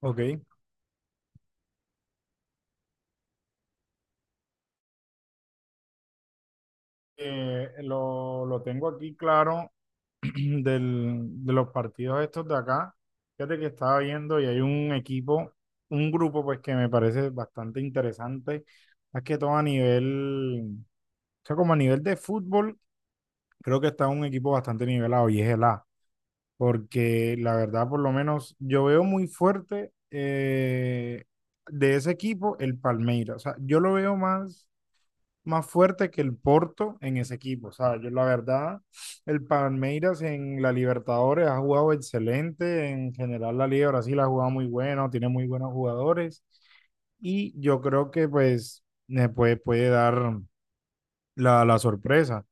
Ok. Lo tengo aquí claro de los partidos estos de acá. Fíjate que estaba viendo y hay un grupo pues que me parece bastante interesante. Más que todo a nivel, o sea, como a nivel de fútbol, creo que está un equipo bastante nivelado y es el A. Porque la verdad, por lo menos, yo veo muy fuerte de ese equipo el Palmeiras. O sea, yo lo veo más fuerte que el Porto en ese equipo. O sea, yo la verdad, el Palmeiras en la Libertadores ha jugado excelente, en general la Liga de Brasil ha jugado muy bueno, tiene muy buenos jugadores y yo creo que pues puede dar la sorpresa.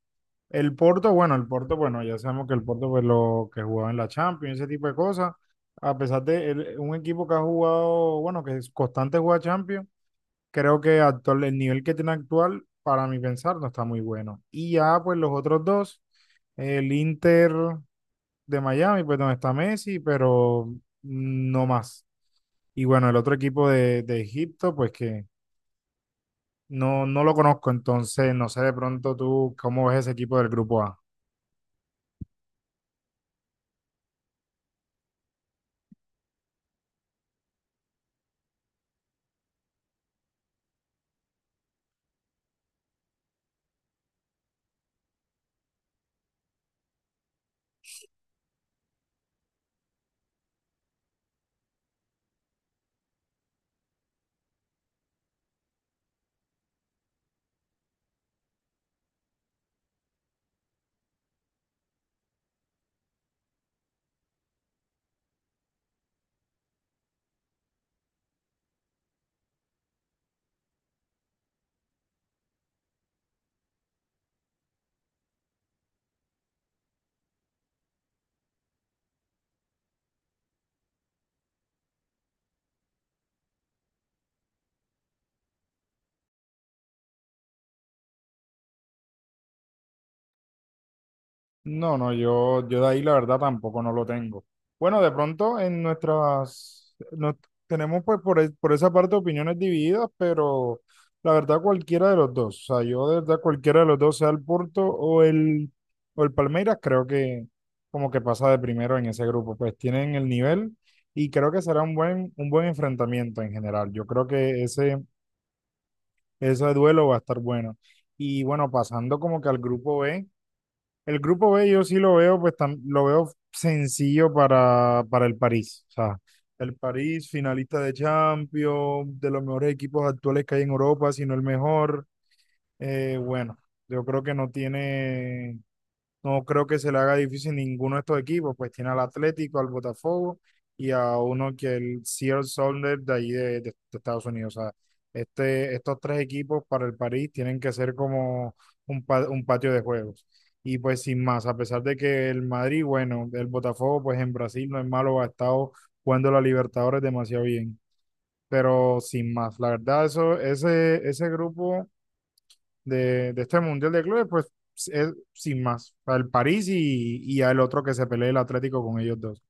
El Porto, bueno, ya sabemos que el Porto pues lo que jugaba en la Champions, ese tipo de cosas, a pesar de un equipo que ha jugado, bueno, que es constante juega Champions creo que actual, el nivel que tiene actual, para mi pensar, no está muy bueno. Y ya, pues los otros dos, el Inter de Miami, pues donde está Messi, pero no más. Y bueno, el otro equipo de Egipto, pues que no lo conozco, entonces no sé de pronto tú cómo ves ese equipo del grupo A. No, no, yo de ahí la verdad tampoco no lo tengo. Bueno, de pronto en tenemos pues por esa parte opiniones divididas, pero la verdad cualquiera de los dos, o sea, yo de verdad cualquiera de los dos, sea el Porto o el Palmeiras, creo que como que pasa de primero en ese grupo, pues tienen el nivel y creo que será un buen enfrentamiento en general. Yo creo que ese duelo va a estar bueno. Y bueno, pasando como que al grupo B. El grupo B yo sí lo veo, pues lo veo sencillo para el París. O sea, el París, finalista de Champions, de los mejores equipos actuales que hay en Europa, si no el mejor. Bueno, yo creo que no creo que se le haga difícil ninguno de estos equipos, pues tiene al Atlético, al Botafogo y a uno que el Seattle Sounders de ahí de Estados Unidos. O sea, estos tres equipos para el París tienen que ser como un patio de juegos. Y pues sin más, a pesar de que el Madrid, bueno, el Botafogo, pues en Brasil no es malo, ha estado jugando la Libertadores demasiado bien. Pero sin más, la verdad, ese grupo de este Mundial de Clubes, pues es sin más, al París y al otro que se pelee el Atlético con ellos dos.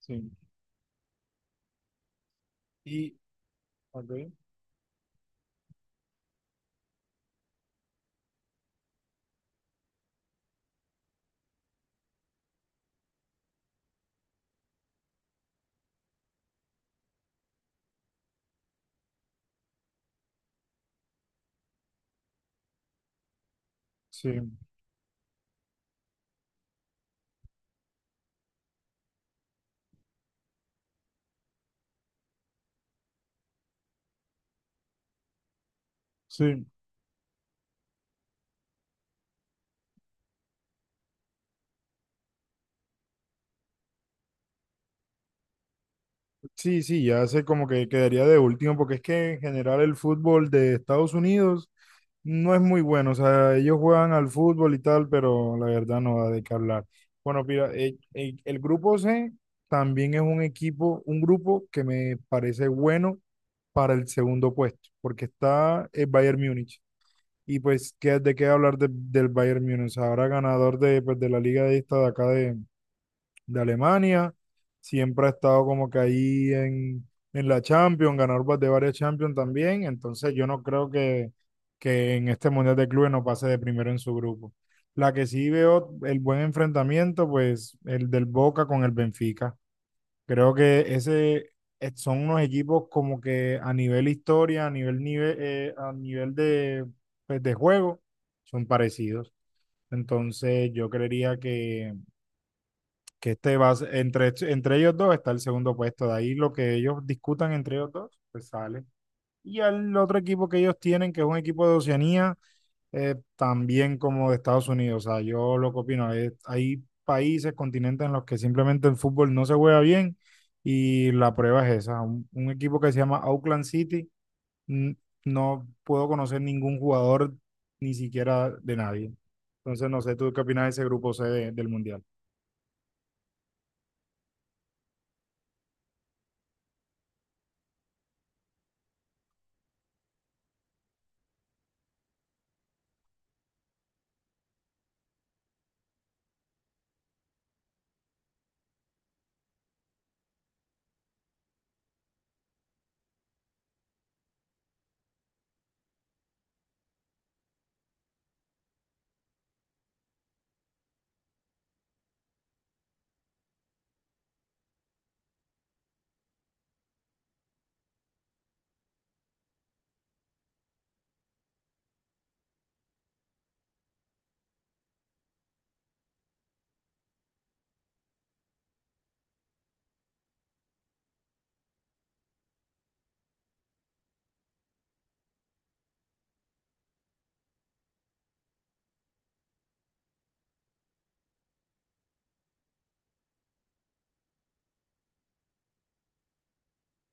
Sí. Y, ok. Sí, sí. Sí, sí, ya sé como que quedaría de último, porque es que en general el fútbol de Estados Unidos no es muy bueno. O sea, ellos juegan al fútbol y tal, pero la verdad no da de qué hablar. Bueno, mira, el grupo C también es un grupo que me parece bueno para el segundo puesto, porque está el Bayern Múnich. Y pues, ¿qué, de qué hablar del Bayern Múnich? Ahora ganador de, pues, de la liga de esta de acá de Alemania. Siempre ha estado como que ahí en la Champions, ganador de varias Champions también. Entonces yo no creo que en este Mundial de Clubes no pase de primero en su grupo. La que sí veo el buen enfrentamiento, pues el del Boca con el Benfica. Creo que ese son unos equipos como que a nivel historia, a nivel de, pues, de juego, son parecidos. Entonces yo creería que este entre, entre ellos dos está el segundo puesto. De ahí lo que ellos discutan entre ellos dos, pues sale. Y al otro equipo que ellos tienen, que es un equipo de Oceanía, también como de Estados Unidos. O sea, yo lo que opino, es, hay países, continentes en los que simplemente el fútbol no se juega bien y la prueba es esa. Un equipo que se llama Auckland City, n- no puedo conocer ningún jugador, ni siquiera de nadie. Entonces, no sé, ¿tú qué opinas de ese grupo C del Mundial?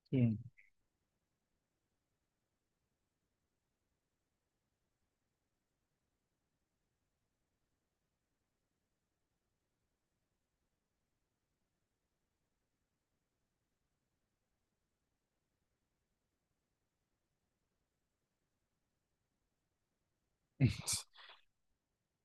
Sí.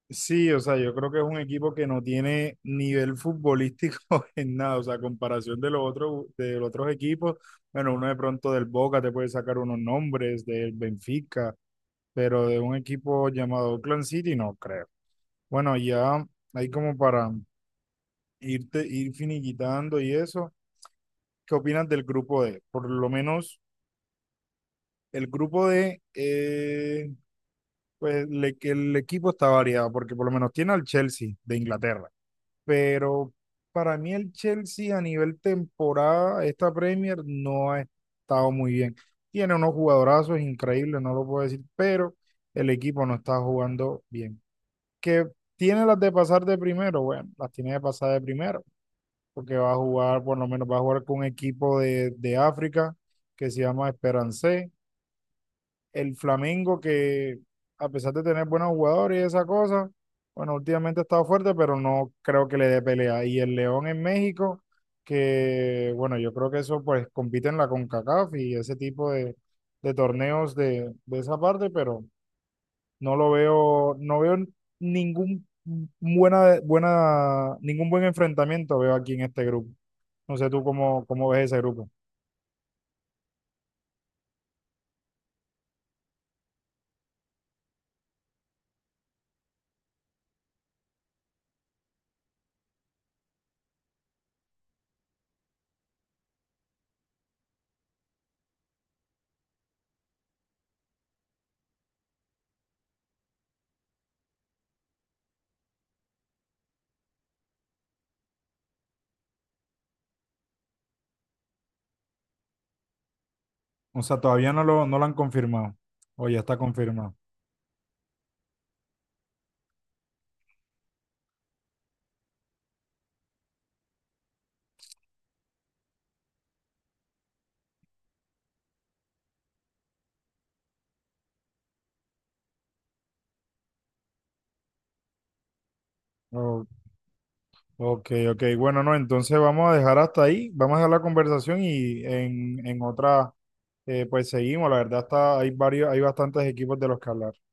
Sí, o sea, yo creo que es un equipo que no tiene nivel futbolístico en nada, o sea, a comparación de los otros equipos, bueno, uno de pronto del Boca te puede sacar unos nombres, del Benfica, pero de un equipo llamado Oakland City no creo. Bueno, ya ahí como para irte, ir finiquitando y eso, ¿qué opinas del grupo D? Por lo menos el grupo D, pues que el equipo está variado, porque por lo menos tiene al Chelsea de Inglaterra, pero para mí el Chelsea a nivel temporada, esta Premier no ha estado muy bien. Tiene unos jugadorazos increíbles, no lo puedo decir, pero el equipo no está jugando bien. ¿Que tiene las de pasar de primero? Bueno, las tiene de pasar de primero, porque va a jugar, por lo menos va a jugar con un equipo de África que se llama Esperance, el Flamengo que a pesar de tener buenos jugadores y esa cosa, bueno, últimamente ha estado fuerte, pero no creo que le dé pelea. Y el León en México, que bueno, yo creo que eso pues compite en la CONCACAF y ese tipo de torneos de esa parte, pero no lo veo, no veo ningún ningún buen enfrentamiento veo aquí en este grupo. No sé tú cómo, cómo ves ese grupo. O sea, todavía no lo han confirmado. O ya está confirmado. O Ok, ok. Bueno, no, entonces vamos a dejar hasta ahí, vamos a dejar la conversación y en otra, pues seguimos. La verdad está, hay varios, hay bastantes equipos de los que hablar.